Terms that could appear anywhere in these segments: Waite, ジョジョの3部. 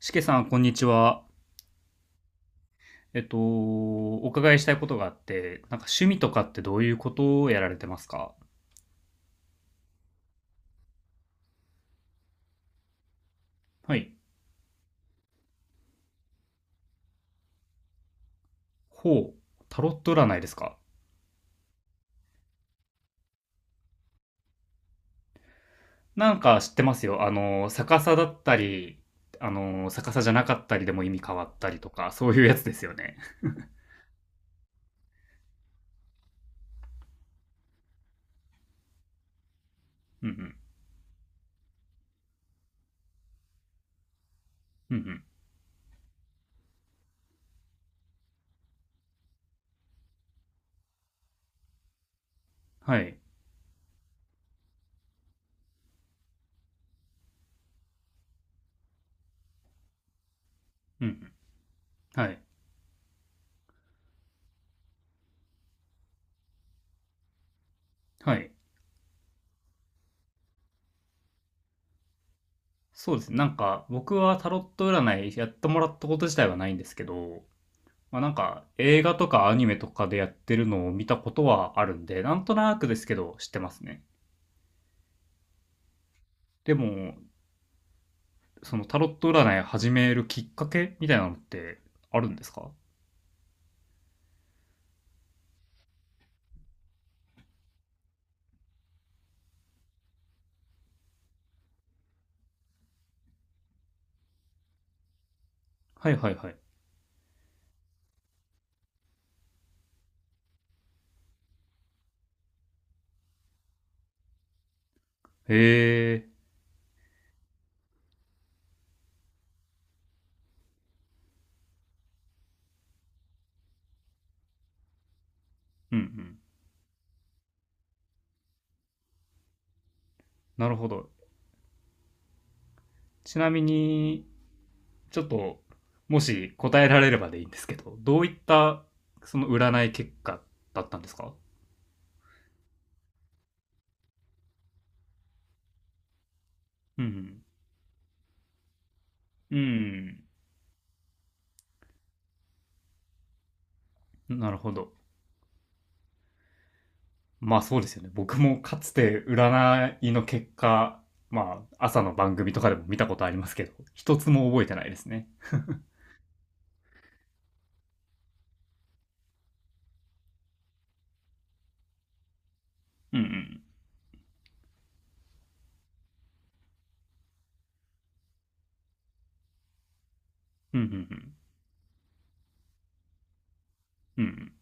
しけさん、こんにちは。お伺いしたいことがあって、なんか趣味とかってどういうことをやられてますか？はい。ほう。タロット占いですか？なんか知ってますよ。あの、逆さだったり、あの、逆さじゃなかったりでも意味変わったりとか、そういうやつですよね。うんうん。うんうん。はい。うんうん。はい。はい。そうですね。なんか、僕はタロット占いやってもらったこと自体はないんですけど、まあ、なんか映画とかアニメとかでやってるのを見たことはあるんで、なんとなくですけど知ってますね。でも、そのタロット占い始めるきっかけみたいなのってあるんですか？はいはいはい。へえ、うんうん。なるほど。ちなみに、ちょっと、もし答えられればでいいんですけど、どういったその占い結果だったんですか？うんうん。うん。なるほど。まあそうですよね。僕もかつて占いの結果、まあ朝の番組とかでも見たことありますけど、一つも覚えてないですね。うんうん。うんうんうん。うん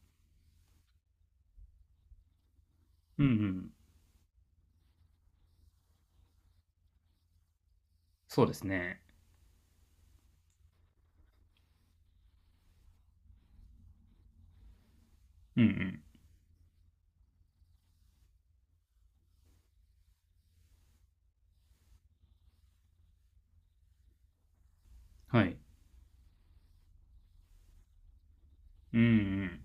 うん。うんうん。そうですね。うんうん。はい。うんうん。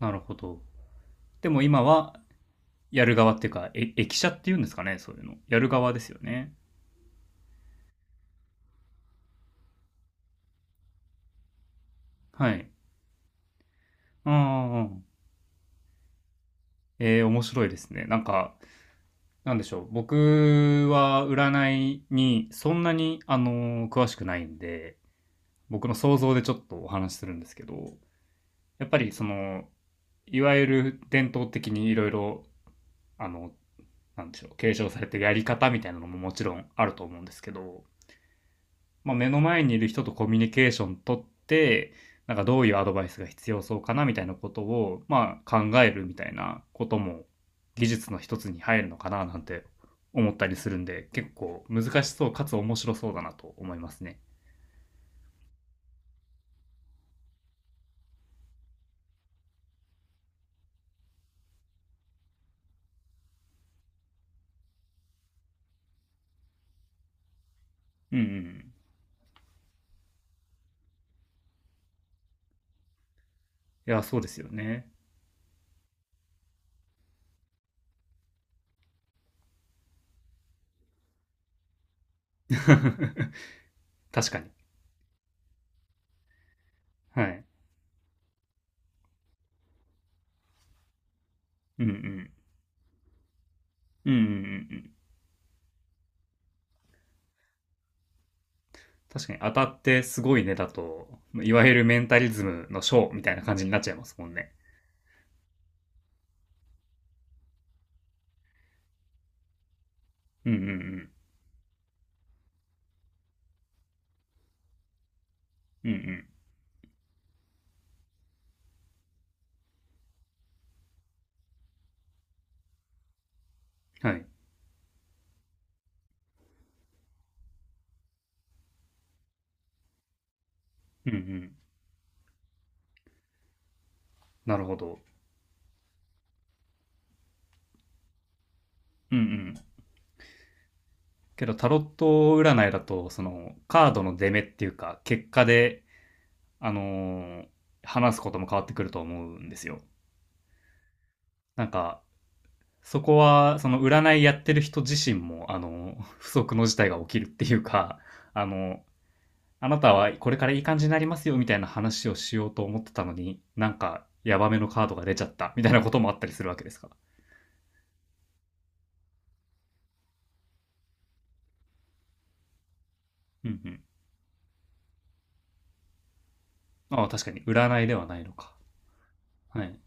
なるほど。でも今はやる側っていうか、え、駅舎っていうんですかね、そういうの。やる側ですよね。はい。ああ、えー、面白いですね。なんか、なんでしょう。僕は占いにそんなに、詳しくないんで、僕の想像でちょっとお話しするんですけど、やっぱりその、いわゆる伝統的にいろいろ、あの、なんでしょう、継承されてるやり方みたいなのももちろんあると思うんですけど、まあ、目の前にいる人とコミュニケーション取って、なんかどういうアドバイスが必要そうかなみたいなことを、まあ、考えるみたいなことも技術の一つに入るのかななんて思ったりするんで、結構難しそうかつ面白そうだなと思いますね。うんうん。いや、そうですよね。確かに。はい。うんうん。うんうんうんうん。確かに当たってすごいねだと、いわゆるメンタリズムのショーみたいな感じになっちゃいますもんね。うんうんうん。うんうん。はい。うんうん。なるほど。うんうん。けどタロット占いだと、そのカードの出目っていうか、結果で、あのー話すことも変わってくると思うんですよ。なんか、そこは、その占いやってる人自身も、あの、不測の事態が起きるっていうか、あの、あなたはこれからいい感じになりますよみたいな話をしようと思ってたのに、なんかヤバめのカードが出ちゃったみたいなこともあったりするわけですか？うんうん。ああ、確かに占いではないのか。はい。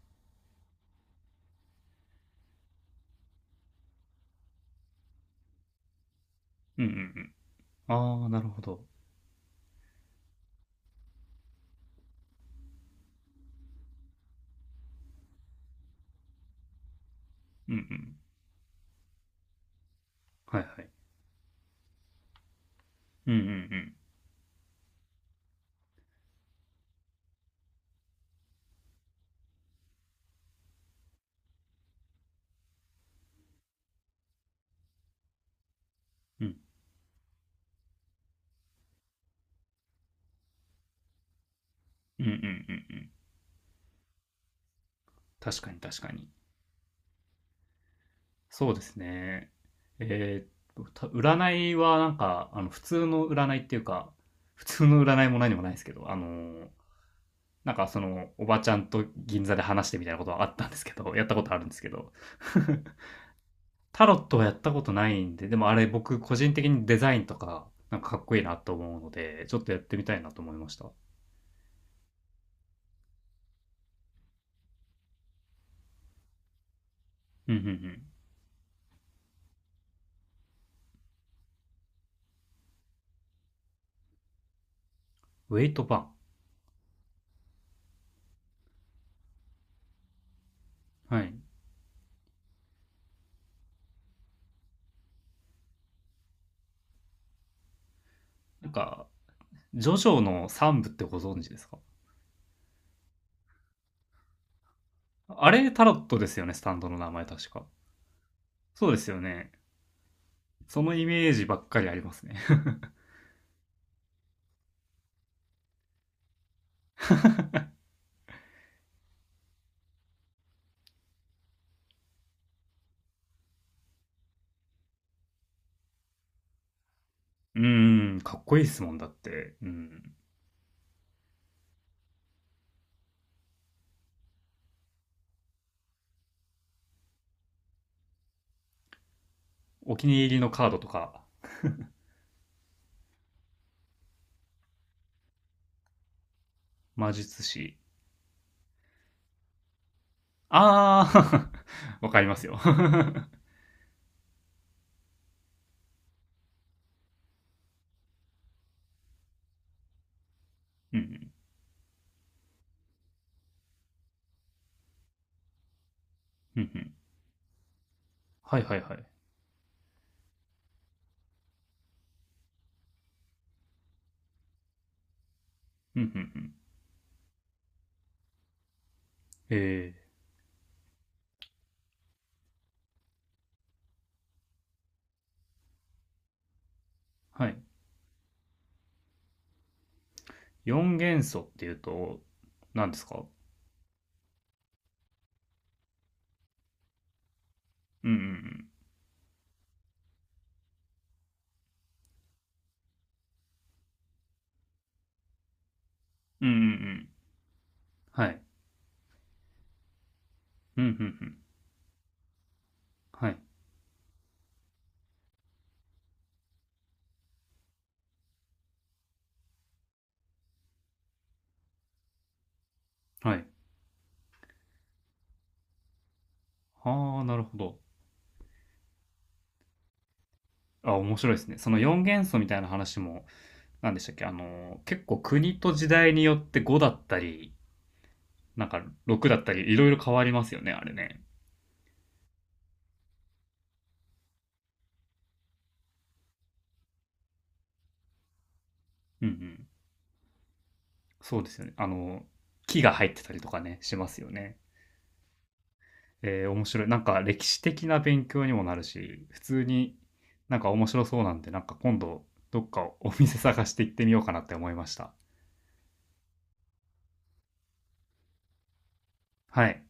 うんうんうん。ああ、なるほど。うんうん。はいはい。うんうんうん。うんうんうんうん。確かに確かに。そうですね。えーっと、た占いはなんか、あの、普通の占いっていうか、普通の占いも何もないですけど、なんかそのおばちゃんと銀座で話してみたいなことはあったんですけど、 やったことあるんですけど、 タロットはやったことないんで、でもあれ僕個人的にデザインとかなんかかっこいいなと思うのでちょっとやってみたいなと思いました。うんうんうん。ウェイトパン。はい。なんかジョジョの3部ってご存知ですか？あれタロットですよね、スタンドの名前確か。そうですよね。そのイメージばっかりありますね。 うーん、かっこいいですもんだって、うん。お気に入りのカードとか。魔術師。ああ、わかりますよ。うんうんうんうん。はいはいはい。うんうんうん。えー、はい。4元素っていうと、何ですか？うんうんうん。うんうんうん。はい。うんうんうん。はい。はい。ああ、なるほど。あ、面白いですね。その4元素みたいな話も、何でしたっけあの結構国と時代によって5だったり、なんか6だったり、いろいろ変わりますよね、あれね。うんうん。そうですよね。あの木が入ってたりとかね、しますよね。えー面白い。なんか歴史的な勉強にもなるし、普通になんか面白そうなんで、なんか今度どっかお店探して行ってみようかなって思いました。はい。